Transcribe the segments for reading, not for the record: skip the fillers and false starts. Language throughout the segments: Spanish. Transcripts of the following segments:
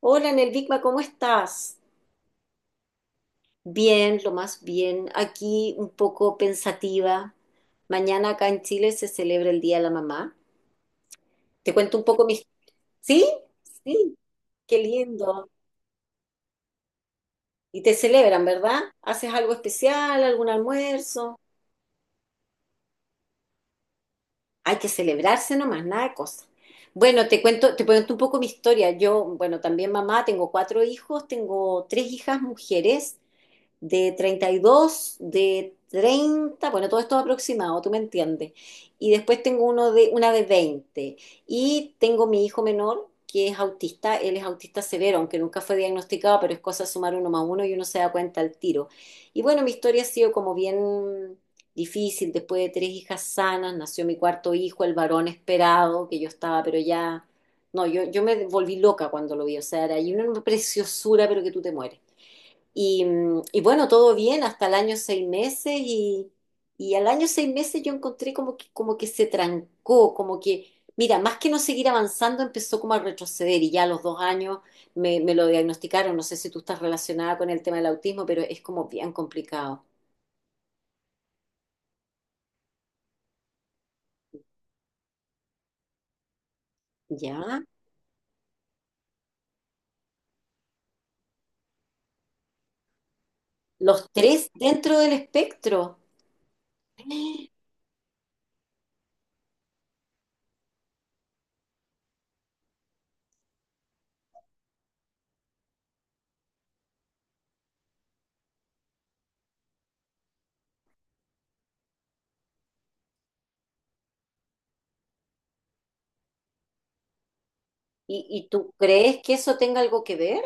Hola, Nelvigma, ¿cómo estás? Bien, lo más bien. Aquí un poco pensativa. Mañana acá en Chile se celebra el Día de la Mamá. Te cuento un poco mi. ¿Sí? Sí, qué lindo. Y te celebran, ¿verdad? ¿Haces algo especial, algún almuerzo? Hay que celebrarse nomás, nada de cosas. Bueno, te cuento un poco mi historia. Yo, bueno, también mamá, tengo cuatro hijos, tengo tres hijas mujeres de 32, de 30, bueno, todo esto aproximado, tú me entiendes. Y después tengo una de 20. Y tengo mi hijo menor, que es autista, él es autista severo, aunque nunca fue diagnosticado, pero es cosa de sumar uno más uno y uno se da cuenta al tiro. Y bueno, mi historia ha sido como bien difícil. Después de tres hijas sanas, nació mi cuarto hijo, el varón esperado, que yo estaba, pero ya, no, yo me volví loca cuando lo vi. O sea, era y una preciosura, pero que tú te mueres. Y bueno, todo bien hasta el año seis meses, y al año seis meses yo encontré como que se trancó, como que, mira, más que no seguir avanzando, empezó como a retroceder. Y ya a los 2 años me lo diagnosticaron. No sé si tú estás relacionada con el tema del autismo, pero es como bien complicado. ¿Ya? Los tres dentro del espectro. ¿Y, y tú crees que eso tenga algo que ver?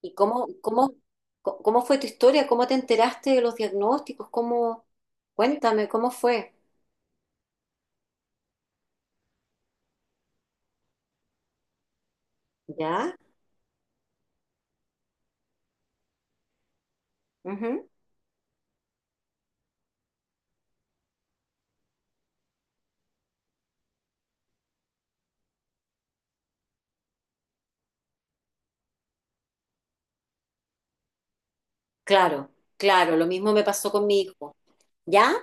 ¿Y cómo fue tu historia? ¿Cómo te enteraste de los diagnósticos? ¿Cómo? Cuéntame, ¿cómo fue? ¿Ya? Ujú. Claro, claro, lo mismo me pasó con mi hijo. ¿Ya?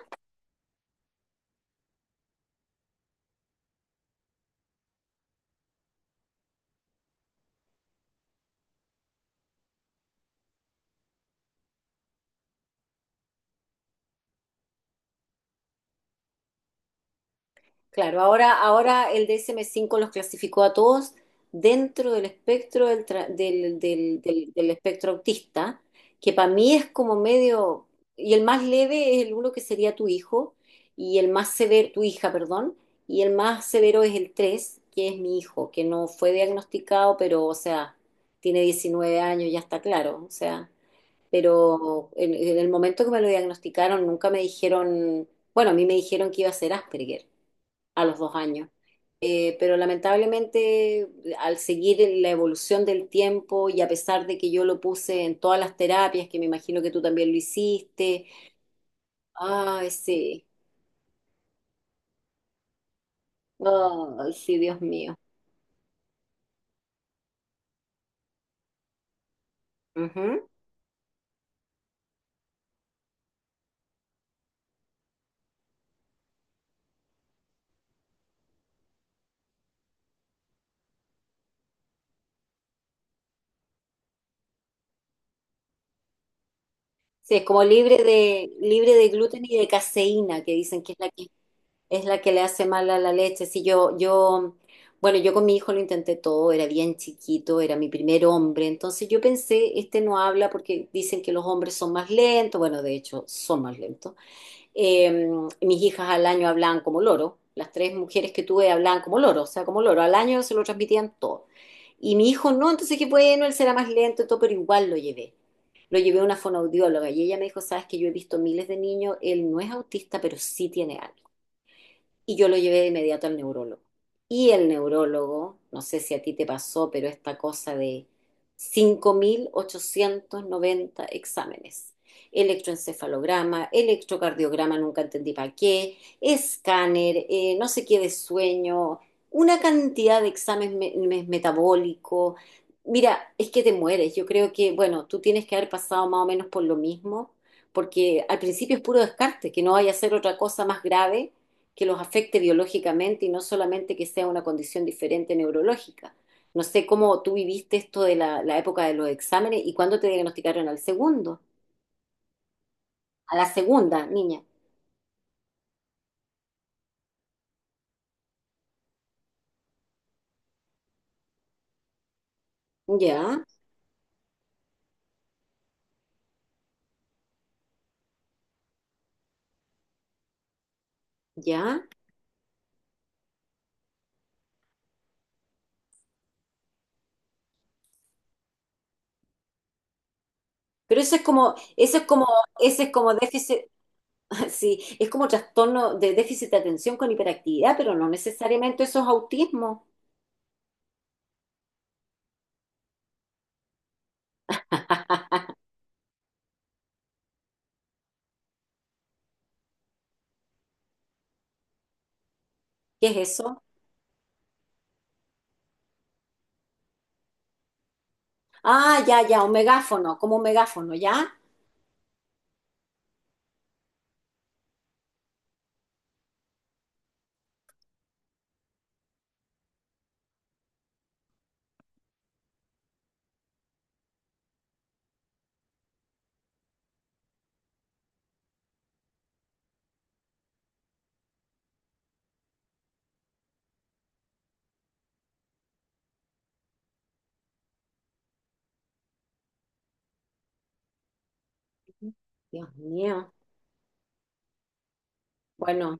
Claro, ahora el DSM-5 los clasificó a todos dentro del, espectro del, tra- del, del- del- del espectro autista, que para mí es como medio. Y el más leve es el uno, que sería tu hijo, y el más severo, tu hija, perdón, y el más severo es el 3, que es mi hijo, que no fue diagnosticado, pero, o sea, tiene 19 años, ya está claro. O sea, pero en el momento que me lo diagnosticaron nunca me dijeron, bueno, a mí me dijeron que iba a ser Asperger a los 2 años. Pero lamentablemente, al seguir la evolución del tiempo y a pesar de que yo lo puse en todas las terapias, que me imagino que tú también lo hiciste, ay, sí, ay, sí, Dios mío. Ujú. Sí, es como libre de gluten y de caseína, que dicen que es la que, le hace mal a la leche. Sí, bueno, yo con mi hijo lo intenté todo, era bien chiquito, era mi primer hombre, entonces yo pensé, este no habla porque dicen que los hombres son más lentos, bueno, de hecho, son más lentos. Eh, Mis hijas al año hablaban como loro, las tres mujeres que tuve hablaban como loro, o sea, como loro, al año se lo transmitían todo. Y mi hijo no, entonces que bueno, él será más lento y todo, pero igual lo llevé. Lo llevé a una fonoaudióloga y ella me dijo, sabes que yo he visto miles de niños, él no es autista, pero sí tiene algo. Y yo lo llevé de inmediato al neurólogo. Y el neurólogo, no sé si a ti te pasó, pero esta cosa de 5.890 exámenes. Electroencefalograma, electrocardiograma, nunca entendí para qué, escáner, no sé qué de sueño, una cantidad de exámenes metabólicos. Mira, es que te mueres. Yo creo que, bueno, tú tienes que haber pasado más o menos por lo mismo, porque al principio es puro descarte, que no vaya a ser otra cosa más grave que los afecte biológicamente y no solamente que sea una condición diferente neurológica. No sé cómo tú viviste esto de la época de los exámenes y cuándo te diagnosticaron al segundo, a la segunda, niña. Ya, ya. Pero eso es como, ese es como déficit, sí, es como trastorno de déficit de atención con hiperactividad, pero no necesariamente eso es autismo. ¿Qué es eso? Ah, ya, ya, un megáfono, como un megáfono, ¿ya? Dios mío. Bueno,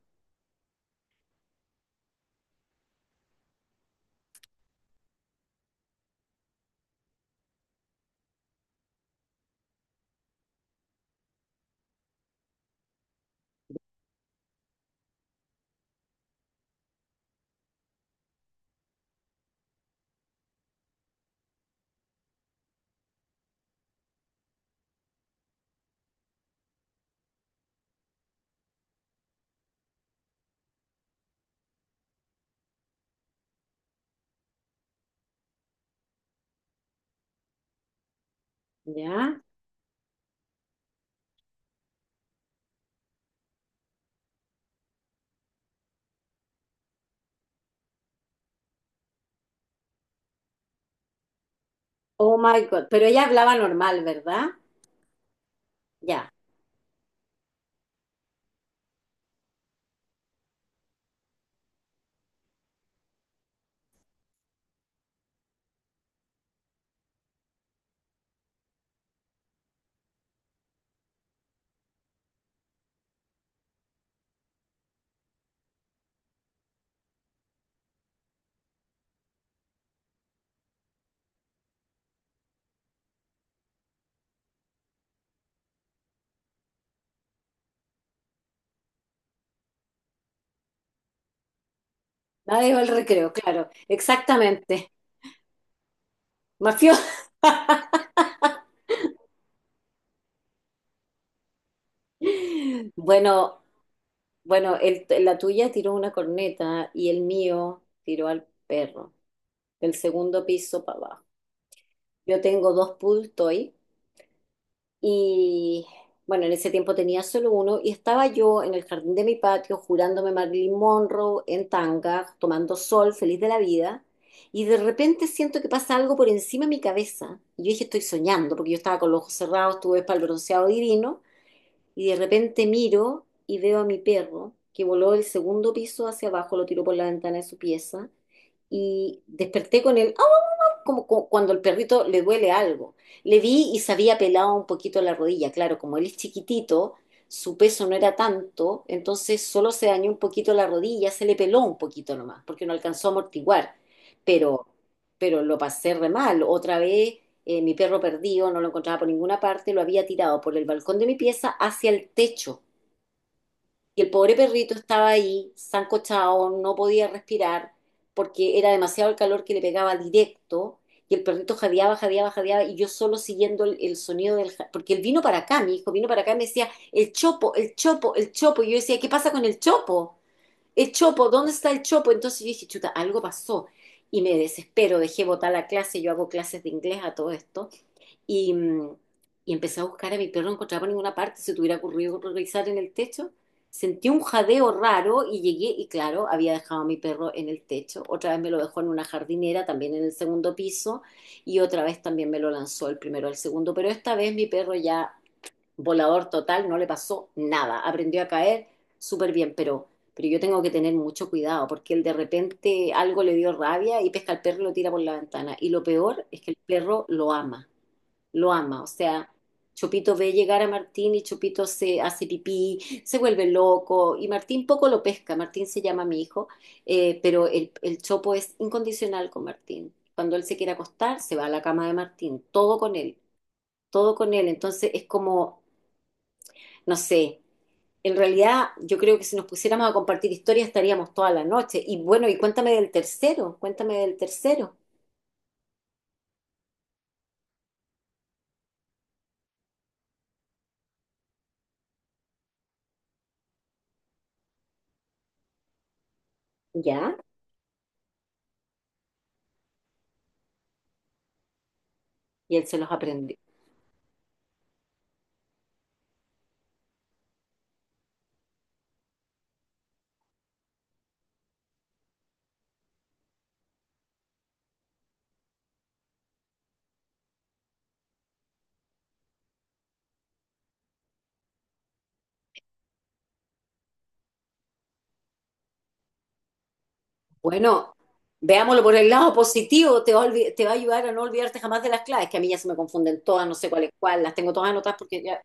ya. Oh my God, pero ella hablaba normal, ¿verdad? Ya, la dejó el recreo, claro, exactamente. Mafioso. Bueno, bueno, la tuya tiró una corneta y el mío tiró al perro, del segundo piso para abajo. Yo tengo dos pool toy. Y bueno, en ese tiempo tenía solo uno y estaba yo en el jardín de mi patio jurándome Marilyn Monroe en tanga, tomando sol, feliz de la vida. Y de repente siento que pasa algo por encima de mi cabeza. Y yo dije, estoy soñando, porque yo estaba con los ojos cerrados, estuve espalbroceado divino. Y de repente miro y veo a mi perro que voló del segundo piso hacia abajo. Lo tiró por la ventana de su pieza. Y desperté con él. ¡Oh! Como cuando el perrito le duele algo. Le vi y se había pelado un poquito la rodilla. Claro, como él es chiquitito, su peso no era tanto, entonces solo se dañó un poquito la rodilla, se le peló un poquito nomás, porque no alcanzó a amortiguar. Pero, pero lo pasé re mal. Otra vez, mi perro perdido, no lo encontraba por ninguna parte, lo había tirado por el balcón de mi pieza hacia el techo. Y el pobre perrito estaba ahí, sancochado, no podía respirar porque era demasiado el calor que le pegaba directo. Y el perrito jadeaba, jadeaba, jadeaba. Y yo solo siguiendo el sonido del. Porque él vino para acá, mi hijo vino para acá y me decía: el chopo, el chopo, el chopo. Y yo decía: ¿Qué pasa con el chopo? El chopo, ¿dónde está el chopo? Entonces yo dije: chuta, algo pasó. Y me desespero, dejé botar la clase. Yo hago clases de inglés a todo esto. Y, mm, y empecé a buscar a mi perro, no encontraba por ninguna parte, se te hubiera ocurrido revisar en el techo. Sentí un jadeo raro y llegué, y claro, había dejado a mi perro en el techo. Otra vez me lo dejó en una jardinera, también en el segundo piso, y otra vez también me lo lanzó el primero al segundo. Pero esta vez mi perro ya volador total, no le pasó nada. Aprendió a caer súper bien, pero yo tengo que tener mucho cuidado porque él de repente algo le dio rabia y pesca al perro y lo tira por la ventana. Y lo peor es que el perro lo ama, lo ama. O sea, Chopito ve llegar a Martín y Chopito se hace pipí, se vuelve loco y Martín poco lo pesca. Martín se llama mi hijo, pero el Chopo es incondicional con Martín. Cuando él se quiere acostar, se va a la cama de Martín, todo con él, todo con él. Entonces es como, no sé. En realidad, yo creo que si nos pusiéramos a compartir historias estaríamos toda la noche. Y bueno, y cuéntame del tercero, cuéntame del tercero. ¿Ya? Y él se los aprendió. Bueno, veámoslo por el lado positivo, te va a ayudar a no olvidarte jamás de las claves, que a mí ya se me confunden todas, no sé cuál es cuál, las tengo todas anotadas porque ya.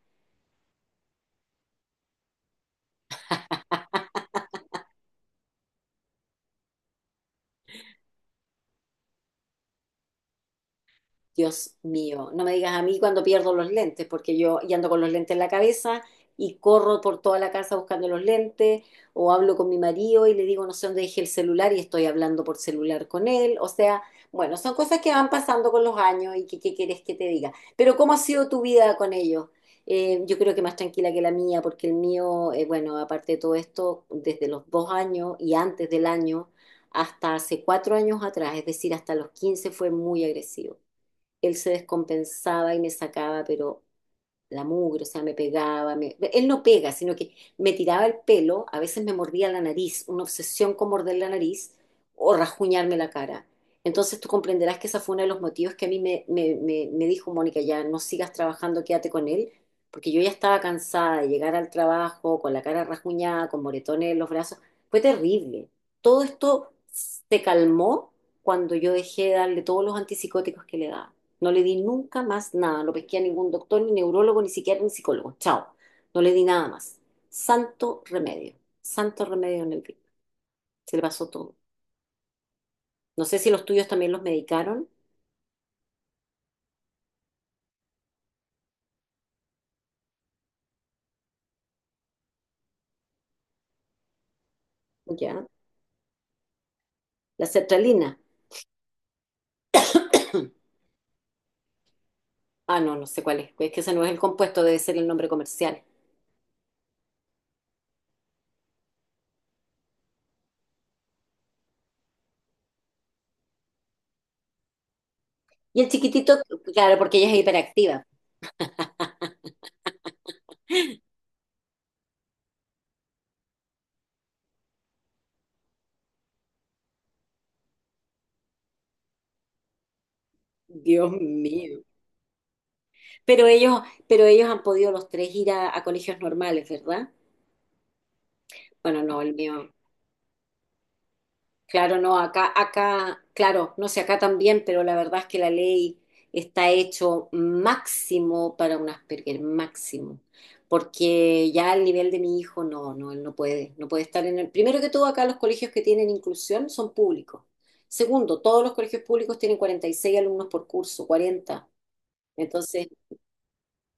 Dios mío, no me digas a mí cuando pierdo los lentes, porque yo y ando con los lentes en la cabeza y corro por toda la casa buscando los lentes, o hablo con mi marido y le digo no sé dónde dejé el celular y estoy hablando por celular con él. O sea, bueno, son cosas que van pasando con los años y que qué quieres que te diga. Pero ¿cómo ha sido tu vida con ellos? Yo creo que más tranquila que la mía, porque el mío, bueno, aparte de todo esto, desde los 2 años y antes del año hasta hace 4 años atrás, es decir, hasta los 15 fue muy agresivo. Él se descompensaba y me sacaba, pero la mugre. O sea, me pegaba, él no pega, sino que me tiraba el pelo, a veces me mordía la nariz, una obsesión con morder la nariz o rajuñarme la cara. Entonces tú comprenderás que ese fue uno de los motivos que a mí me dijo Mónica, ya no sigas trabajando, quédate con él, porque yo ya estaba cansada de llegar al trabajo con la cara rajuñada, con moretones en los brazos, fue terrible. Todo esto se calmó cuando yo dejé de darle todos los antipsicóticos que le daba. No le di nunca más nada. No pesqué a ningún doctor, ni neurólogo, ni siquiera ni psicólogo. Chao. No le di nada más. Santo remedio. Santo remedio en el día. Se le pasó todo. No sé si los tuyos también los medicaron. Ya. La sertralina. Ah, no, no sé cuál es. Es que ese no es el compuesto, debe ser el nombre comercial. Y el chiquitito, claro, porque ella es hiperactiva. Dios mío. Pero ellos, pero ellos han podido los tres ir a colegios normales, ¿verdad? Bueno, no, el mío. Claro, no, acá, claro, no sé, acá también, pero la verdad es que la ley está hecho máximo para un Asperger, máximo. Porque ya al nivel de mi hijo, no, no, él no puede, no puede estar en el. Primero que todo, acá los colegios que tienen inclusión son públicos. Segundo, todos los colegios públicos tienen 46 alumnos por curso, 40. Entonces,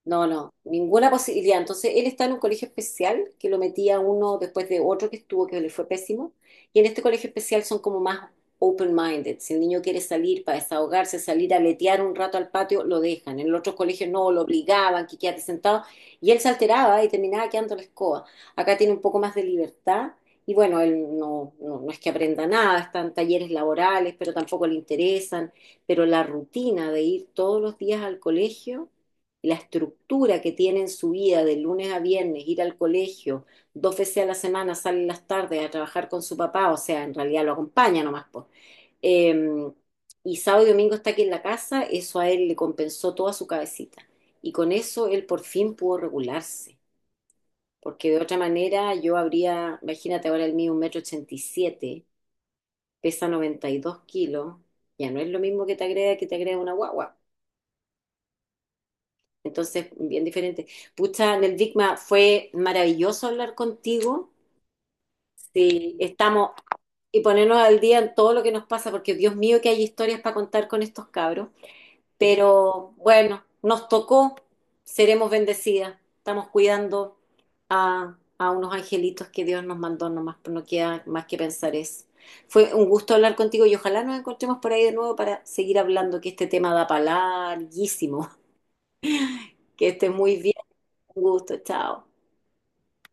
no, no, ninguna posibilidad. Entonces, él está en un colegio especial que lo metía uno después de otro que estuvo, que le fue pésimo. Y en este colegio especial son como más open-minded. Si el niño quiere salir para desahogarse, salir a letear un rato al patio, lo dejan. En el otro colegio no, lo obligaban, que quédate sentado. Y él se alteraba y terminaba quedando en la escoba. Acá tiene un poco más de libertad. Y bueno, él no, no, no es que aprenda nada, están talleres laborales, pero tampoco le interesan. Pero la rutina de ir todos los días al colegio, la estructura que tiene en su vida de lunes a viernes, ir al colegio, dos veces a la semana sale en las tardes a trabajar con su papá, o sea, en realidad lo acompaña nomás, pues. Eh, y sábado y domingo está aquí en la casa, eso a él le compensó toda su cabecita. Y con eso él por fin pudo regularse, porque de otra manera yo habría, imagínate ahora el mío, 1,87 m, pesa 92 kilos, ya no es lo mismo que te agrega una guagua. Entonces, bien diferente. Pucha, Neldikma, fue maravilloso hablar contigo. Sí, estamos y ponernos al día en todo lo que nos pasa, porque Dios mío que hay historias para contar con estos cabros. Pero bueno, nos tocó, seremos bendecidas. Estamos cuidando a unos angelitos que Dios nos mandó nomás, pues no queda más que pensar eso. Fue un gusto hablar contigo y ojalá nos encontremos por ahí de nuevo para seguir hablando, que este tema da para larguísimo. Que estés muy bien, un gusto, chao.